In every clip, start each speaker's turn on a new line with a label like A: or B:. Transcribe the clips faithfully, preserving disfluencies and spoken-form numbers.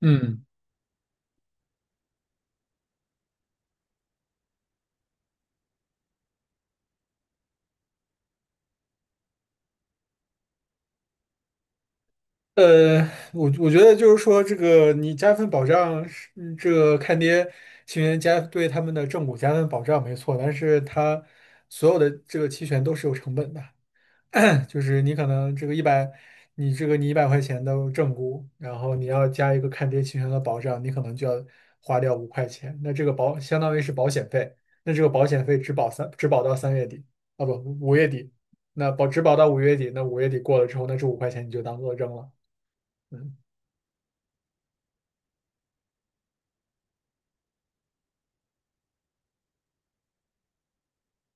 A: 嗯，呃，我我觉得就是说，这个你加份保障是嗯这个看跌期权加对他们的正股加份保障没错。但是它所有的这个期权都是有成本的，就是你可能这个一百，你这个你一百块钱的正估，然后你要加一个看跌期权的保障，你可能就要花掉五块钱。那这个保相当于是保险费，那这个保险费只保三，只保到三月底，啊不，五月底。那保只保到五月底，那五月底过了之后，那这五块钱你就当做扔了。嗯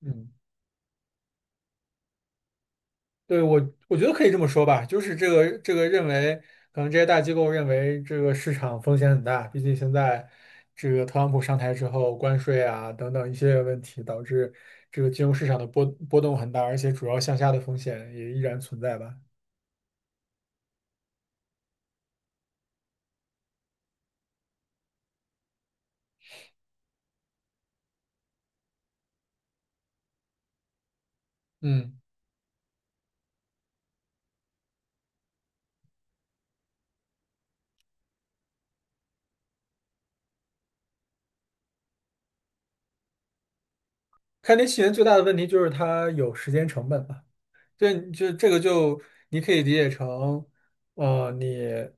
A: 嗯。对，我我觉得可以这么说吧。就是这个这个认为，可能这些大机构认为这个市场风险很大。毕竟现在这个特朗普上台之后，关税啊等等一系列问题，导致这个金融市场的波波动很大，而且主要向下的风险也依然存在吧。嗯，看跌期权最大的问题就是它有时间成本吧。这就这个就你可以理解成，呃，你。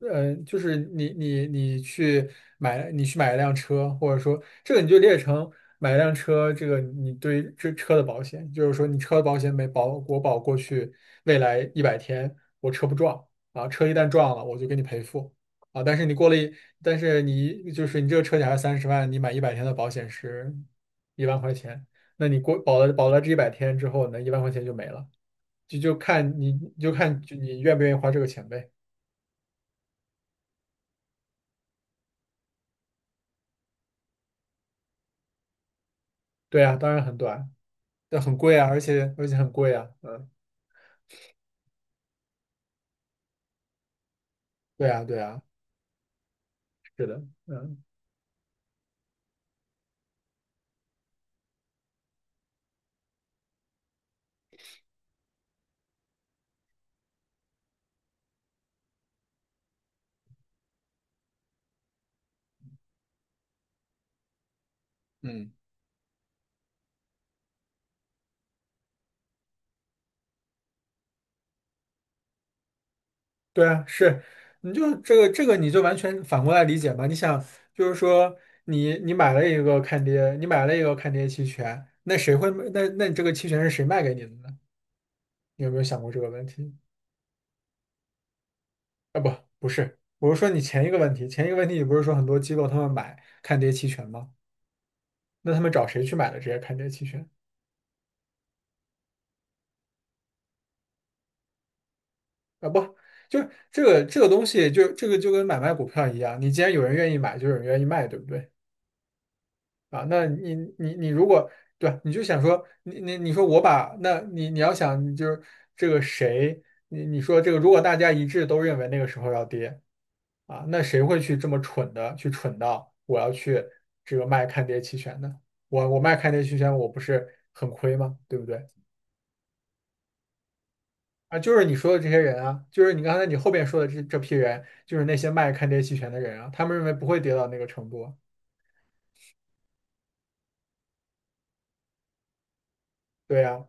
A: 嗯呃，就是你你你去买你去买一辆车，或者说这个你就列成买一辆车。这个你对于这车的保险，就是说你车的保险没保，我保过去未来一百天我车不撞啊，车一旦撞了我就给你赔付啊。但是你过了一，但是你就是你这个车险还是三十万，你买一百天的保险是一万块钱。那你过保了保了这一百天之后呢，一万块钱就没了，就就看你就看就你愿不愿意花这个钱呗。对啊，当然很短。那很贵啊，而且而且很贵啊。嗯，对啊，对啊，是的，嗯嗯，对啊，是，你就这个这个你就完全反过来理解嘛。你想就是说你你买了一个看跌，你买了一个看跌期权。那谁会那那你这个期权是谁卖给你的呢？你有没有想过这个问题？啊，不，不是，我是说你前一个问题，前一个问题。你不是说很多机构他们买看跌期权吗？那他们找谁去买的这些看跌期权？啊，不，就是这个这个东西就，这个就跟买卖股票一样。你既然有人愿意买，就有人愿意卖，对不对？啊，那你你你如果对。你就想说，你你你说我把，那你你要想，你就是这个谁，你你说这个，如果大家一致都认为那个时候要跌啊，那谁会去这么蠢的去蠢到我要去这个卖看跌期权呢？我我卖看跌期权，我不是很亏吗？对不对？啊，就是你说的这些人啊。就是你刚才你后面说的这这批人。就是那些卖看跌期权的人啊，他们认为不会跌到那个程度啊。对呀、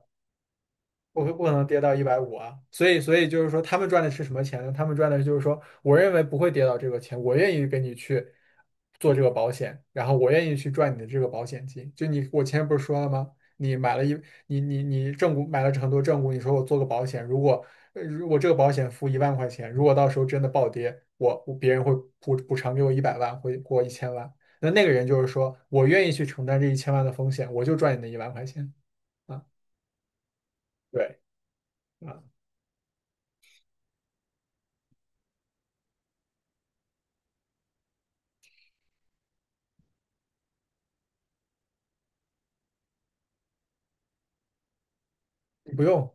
A: 我会不可能跌到一百五啊。所以所以就是说，他们赚的是什么钱呢？他们赚的就是说，我认为不会跌到这个钱，我愿意给你去做这个保险，然后我愿意去赚你的这个保险金。就你，我前面不是说了吗？你买了一，你你你正股买了很多正股，你说我做个保险。如果呃如果这个保险付一万块钱，如果到时候真的暴跌，我我别人会补补偿给我一百万，会给我一千万。那那个人就是说我愿意去承担这一千万的风险，我就赚你那一万块钱啊。对啊，你不用。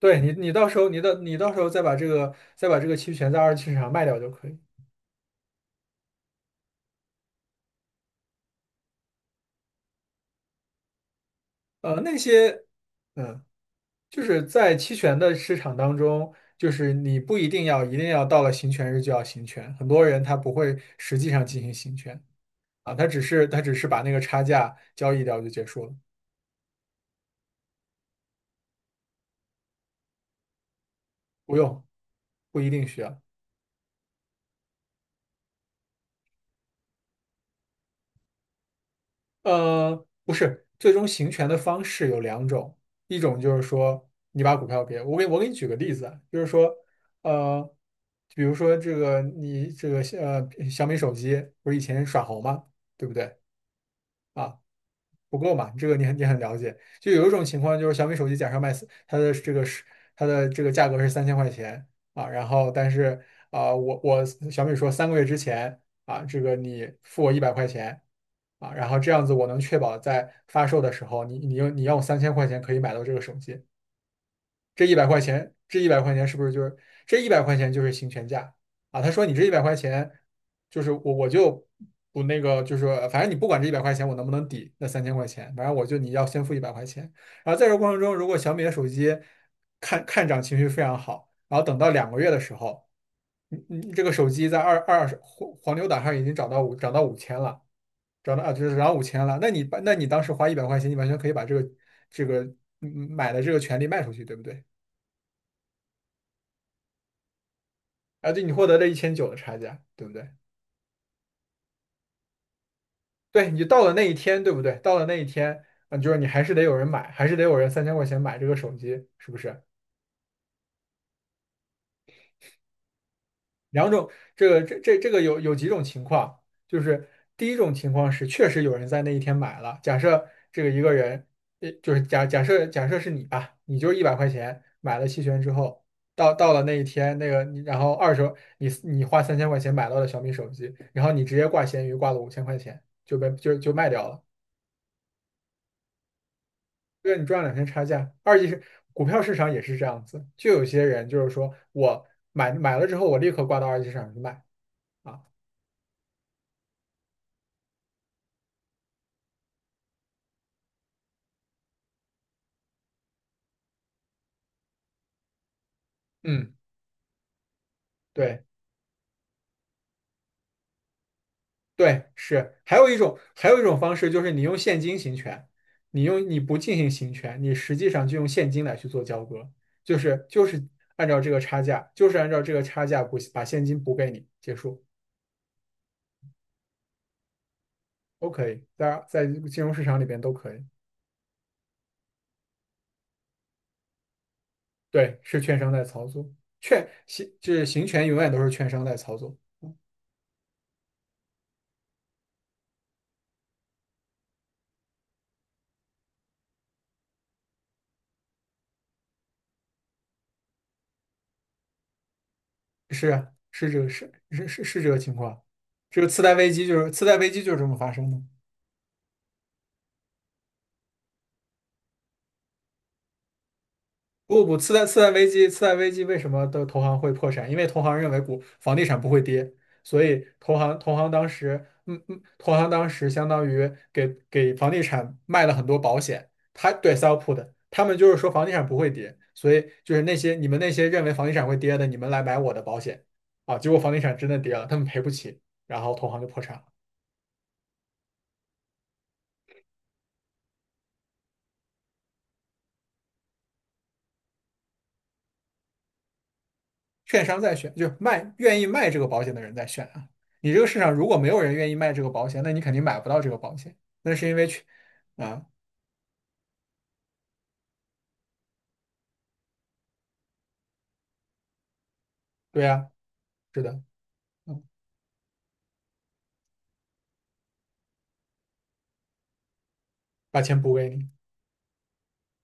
A: 对你，你到时候你的你到时候再把这个再把这个期权在二级市场卖掉就可以。呃，那些，嗯，就是在期权的市场当中，就是你不一定要一定要到了行权日就要行权。很多人他不会实际上进行行权啊，他只是他只是把那个差价交易掉就结束了。不用，不一定需要。呃，不是，最终行权的方式有两种。一种就是说你把股票给我给我给你举个例子啊。就是说，呃，比如说这个你这个呃小米手机不是以前耍猴吗？对不对啊？不够嘛，这个你很你很了解。就有一种情况就是小米手机假设卖四它的这个是它的这个价格是三千块钱啊。然后但是啊、我我小米说三个月之前啊，这个你付我一百块钱啊。然后这样子我能确保在发售的时候，你你用你用三千块钱可以买到这个手机。这一百块钱，这一百块钱是不是就是这一百块钱就是行权价啊？他说你这一百块钱，就是我我就不那个，就是反正你不管这一百块钱我能不能抵那三千块钱。反正我就你要先付一百块钱。然后在这过程中，如果小米的手机看看涨情绪非常好。然后等到两个月的时候，你你这个手机在二二手黄黄牛档上已经涨到五涨到五千了。涨到啊就是涨到五千了。那你把那你当时花一百块钱，你完全可以把这个这个嗯买的这个权利卖出去，对不对？啊，对，你获得了一千九的差价，对不对？对，你就到了那一天，对不对？到了那一天，啊，就是你还是得有人买，还是得有人三千块钱买这个手机，是不是？两种，这个这这这个有有几种情况。就是第一种情况是确实有人在那一天买了，假设这个一个人，呃，就是假假设假设是你吧。你就一百块钱买了期权之后，到到了那一天，那个你然后二手你你花三千块钱买到了小米手机。然后你直接挂闲鱼挂了五千块钱就被就就卖掉了。对，你赚两天差价。二级市股票市场也是这样子。就有些人就是说我买买了之后，我立刻挂到二级市场去卖啊。嗯，对对是。还有一种还有一种方式就是你用现金行权。你用你不进行行权，你实际上就用现金来去做交割。就是就是按照这个差价，就是按照这个差价补把现金补给你，结束。都可以，在在金融市场里边都可以。对，是券商在操作。券行就是行权永远都是券商在操作。是啊是这个是是是是这个情况。这个次贷危机就是次贷危机就是这么发生的。不不，次贷次贷危机次贷危机为什么的投行会破产？因为投行认为股房地产不会跌。所以投行投行当时嗯嗯，投行当时相当于给给房地产卖了很多保险。他对 sell put，他们就是说房地产不会跌，所以就是那些你们那些认为房地产会跌的，你们来买我的保险啊。结果房地产真的跌了，他们赔不起，然后投行就破产了。券商在选，就是卖愿意卖这个保险的人在选啊。你这个市场如果没有人愿意卖这个保险，那你肯定买不到这个保险。那是因为去啊。对呀，是的，嗯，把钱补给你，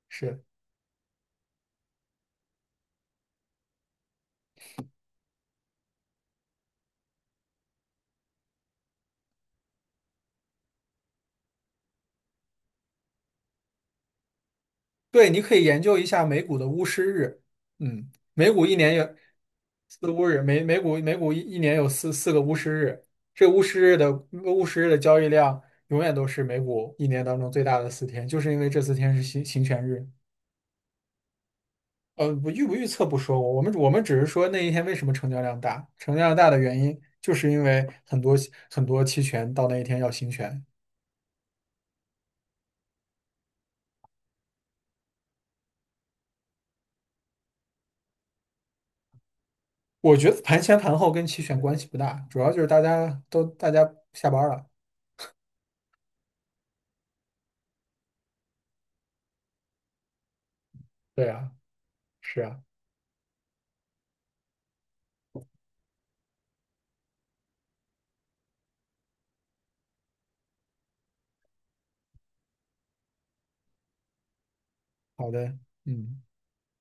A: 是。对，你可以研究一下美股的巫师日。嗯，美股一年有四巫日，美美股美股一一年有四四个巫师日。这巫师日的巫师日的交易量永远都是美股一年当中最大的四天，就是因为这四天是行行权日。呃，不预不预测不说。我们我们只是说那一天为什么成交量大，成交量大的原因就是因为很多很多期权到那一天要行权。我觉得盘前盘后跟期权关系不大，主要就是大家都大家下班了。对啊，是啊，好的，嗯。